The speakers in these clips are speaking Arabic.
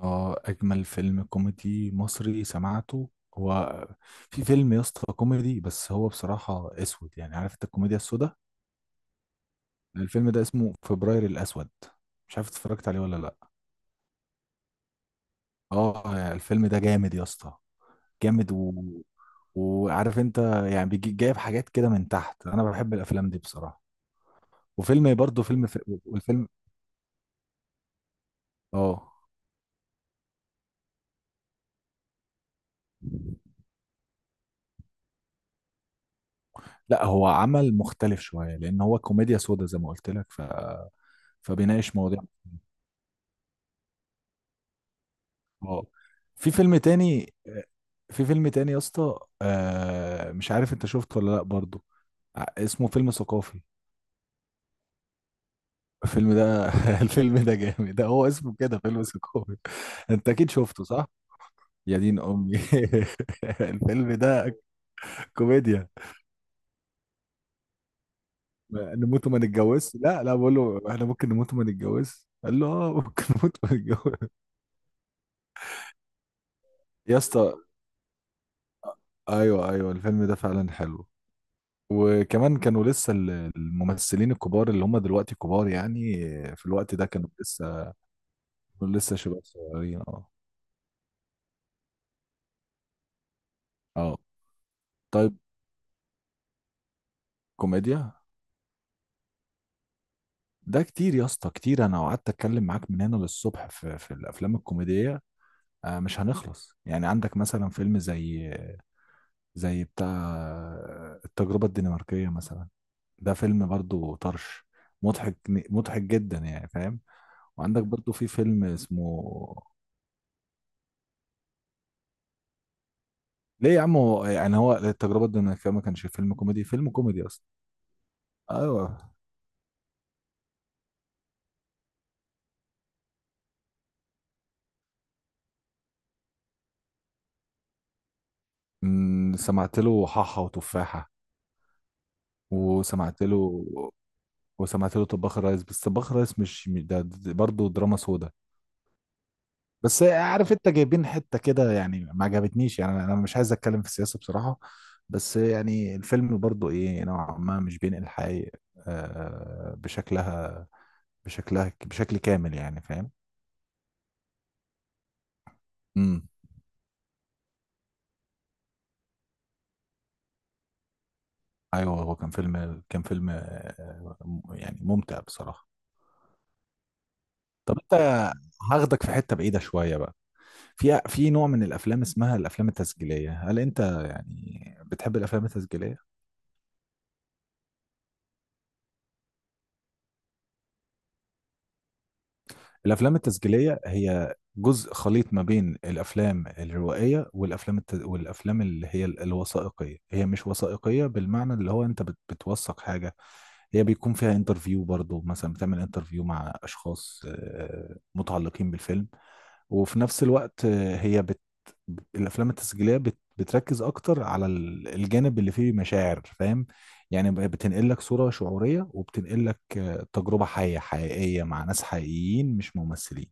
اه، اجمل فيلم كوميدي مصري سمعته هو. في فيلم يا اسطى كوميدي، بس هو بصراحة اسود، يعني عارف انت الكوميديا السوداء. الفيلم ده اسمه فبراير الاسود. مش عارف اتفرجت عليه ولا لا. اه يعني الفيلم ده جامد يا اسطى، جامد و... وعارف انت، يعني بيجي جايب حاجات كده من تحت، انا بحب الافلام دي بصراحة. وفيلم برضه فيلم في... والفيلم. اه، لا هو عمل مختلف شوية لان هو كوميديا سوداء زي ما قلت لك، فبيناقش مواضيع. اه، في فيلم تاني في فيلم تاني يا اسطى، مش عارف انت شفته ولا لا برضو. اسمه فيلم ثقافي. الفيلم ده الفيلم ده جامد، ده هو اسمه كده فيلم ثقافي. انت اكيد شفته صح؟ يا دين امي. الفيلم ده كوميديا. نموت وما نتجوزش، لا لا، بقول له احنا ممكن نموت وما نتجوزش، قال له اه ممكن نموت وما نتجوزش. يا اسطى. ايوه ايوه، الفيلم ده فعلا حلو. وكمان كانوا لسه، الممثلين الكبار اللي هم دلوقتي كبار، يعني في الوقت ده كانوا لسه شباب صغيرين اه. اه طيب، كوميديا. ده كتير يا اسطى كتير، انا قعدت اتكلم معاك من هنا للصبح في الافلام الكوميديه. مش هنخلص. يعني عندك مثلا فيلم زي، بتاع التجربه الدنماركيه مثلا. ده فيلم برضو طرش، مضحك مضحك جدا يعني، فاهم؟ وعندك برضو في فيلم اسمه... ليه يا عم؟ هو يعني هو التجربة دي ما كانش فيلم كوميدي، فيلم كوميدي أصلا. أيوه. سمعت له حاحة وتفاحة. وسمعت له وسمعت له طباخ الريس، بس طباخ الريس ده برضه دراما سودا. بس عارف انت، جايبين حتة كده يعني، ما عجبتنيش. يعني انا مش عايز اتكلم في السياسة بصراحة. بس يعني الفيلم برضه ايه، نوعا ما مش بينقل الحقيقة، بشكلها، بشكل كامل يعني، فاهم؟ امم. ايوه، هو كان فيلم، يعني ممتع بصراحه. طب انت، هاخدك في حته بعيده شويه بقى. في نوع من الافلام اسمها الافلام التسجيليه، هل انت يعني بتحب الافلام التسجيليه؟ الافلام التسجيليه هي جزء خليط ما بين الافلام الروائيه والافلام والافلام اللي هي الوثائقيه. هي مش وثائقيه بالمعنى اللي هو انت بتوثق حاجه. هي بيكون فيها انترفيو برضو، مثلا بتعمل انترفيو مع اشخاص متعلقين بالفيلم. وفي نفس الوقت الافلام التسجيليه بتركز اكتر على الجانب اللي فيه مشاعر، فاهم؟ يعني بتنقل لك صوره شعوريه، وبتنقل لك تجربه حيه حقيقيه مع ناس حقيقيين مش ممثلين.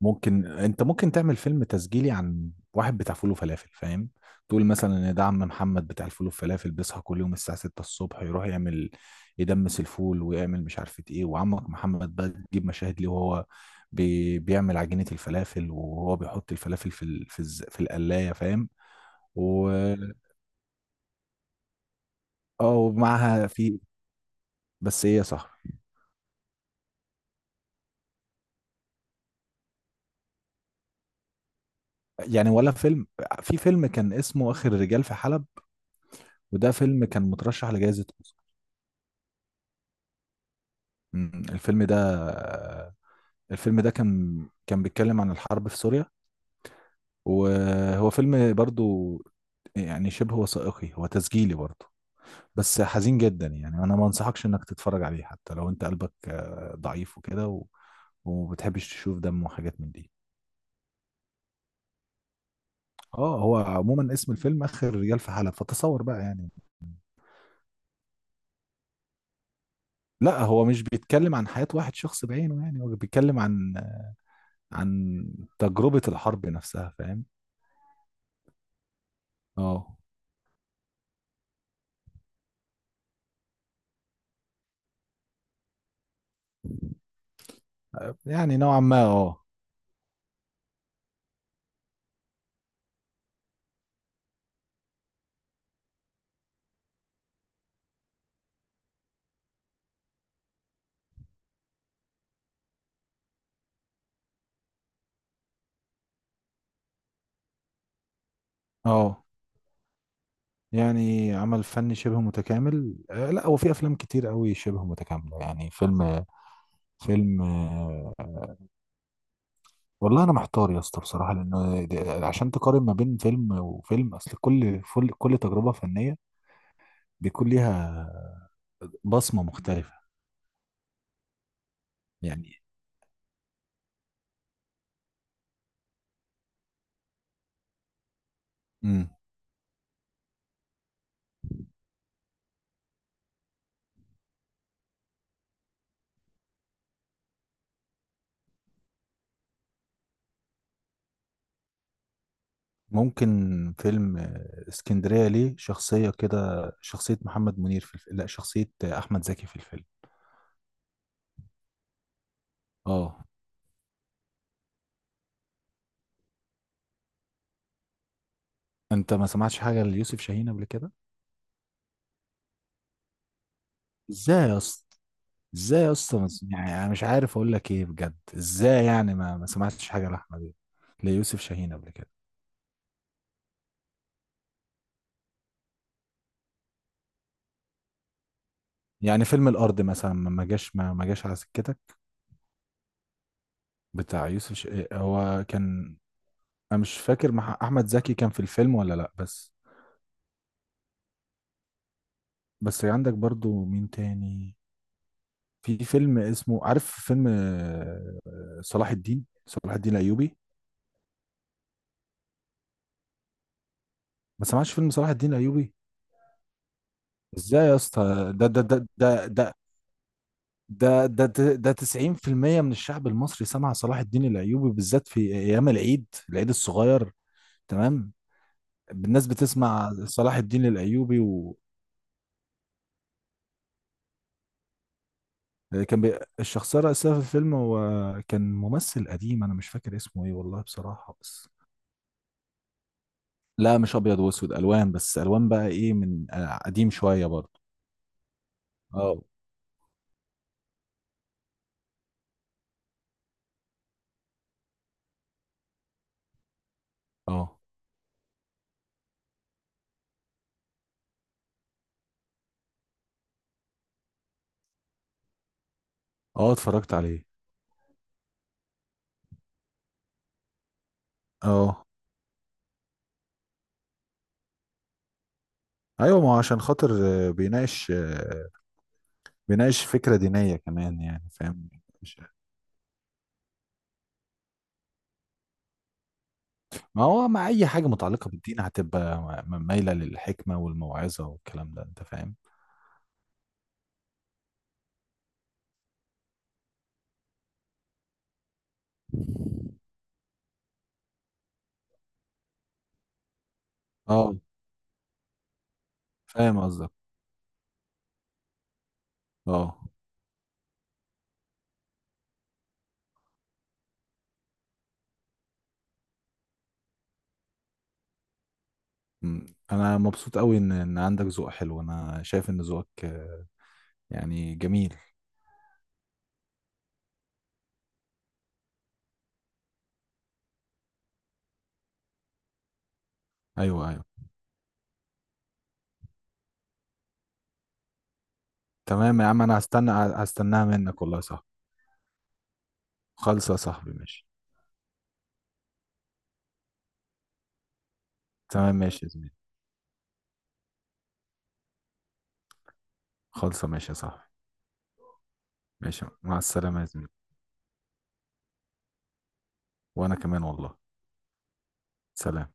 ممكن تعمل فيلم تسجيلي عن واحد بتاع فول وفلافل، فاهم؟ تقول مثلا ان ده عم محمد بتاع الفول والفلافل، بيصحى كل يوم الساعة 6 الصبح يروح يعمل، يدمس الفول ويعمل مش عارفة ايه. وعمك محمد بقى تجيب مشاهد ليه وهو بيعمل عجينة الفلافل، وهو بيحط الفلافل في في القلاية، فاهم؟ و... اه ومعاها في... بس ايه يا صاحبي؟ يعني ولا فيلم... في فيلم كان اسمه اخر الرجال في حلب، وده فيلم كان مترشح لجائزة أوسكار. الفيلم ده، الفيلم ده كان، بيتكلم عن الحرب في سوريا. وهو فيلم برضو يعني شبه وثائقي، هو تسجيلي برضو، بس حزين جدا. يعني انا ما انصحكش انك تتفرج عليه، حتى لو انت قلبك ضعيف وكده و... وبتحبش تشوف دم وحاجات من دي. اه، هو عموما اسم الفيلم اخر رجال في حلب، فتصور بقى يعني. لا هو مش بيتكلم عن حياة واحد شخص بعينه، يعني هو بيتكلم عن، عن تجربة الحرب نفسها، فاهم؟ اه. يعني نوعا ما اه. اه يعني عمل فني شبه متكامل، لا هو في افلام كتير قوي شبه متكامله، يعني فيلم، فيلم آه، والله انا محتار يا اسطى بصراحه، لانه عشان تقارن ما بين فيلم وفيلم، اصل كل كل تجربه فنيه بيكون ليها بصمه مختلفه يعني. مم. ممكن فيلم اسكندريه ليه، شخصيه كده، شخصيه محمد منير في الفيلم، لا شخصيه احمد زكي في الفيلم. اه. انت ما سمعتش حاجه ليوسف شاهين قبل كده؟ ازاي يا اسطى؟ ازاي يا اسطى؟ ما س- يعني انا مش عارف اقول لك ايه بجد. ازاي يعني ما سمعتش حاجه لاحمد إيه؟ ليوسف شاهين قبل كده. يعني فيلم الارض مثلا ما جاش، ما جاش على سكتك. بتاع يوسف هو كان... انا مش فاكر مع احمد زكي كان في الفيلم ولا لا. بس، عندك برضو مين تاني، في فيلم اسمه، عارف فيلم صلاح الدين، صلاح الدين الايوبي. ما سمعتش فيلم صلاح الدين الايوبي؟ ازاي يا اسطى؟ ده ده ده 90% من الشعب المصري سمع صلاح الدين الايوبي، بالذات في ايام العيد، العيد الصغير. تمام، الناس بتسمع صلاح الدين الايوبي. وكان الشخصيه الرئيسيه في الفيلم هو، كان ممثل قديم. انا مش فاكر اسمه ايه والله بصراحه. بس لا مش ابيض واسود، الوان بس، الوان بقى ايه، من قديم شويه برضه. اه. اه. اه اتفرجت عليه اه. ايوه، ما هو عشان خاطر بيناقش، بيناقش فكره دينيه كمان، يعني فاهم؟ ما هو مع اي حاجه متعلقه بالدين هتبقى مايله للحكمه والموعظه والكلام ده، انت فاهم. اه فاهم قصدك. اه. انا مبسوط قوي ان عندك ذوق حلو. انا شايف ان ذوقك يعني جميل. ايوه ايوه. تمام يا عم، انا هستناها منك والله. صح. خالصه يا صاحبي ماشي. تمام ماشي يا زميلي. خالصه ماشي يا صاحبي. ماشي، مع السلامه يا زميلي. وانا كمان والله. سلام.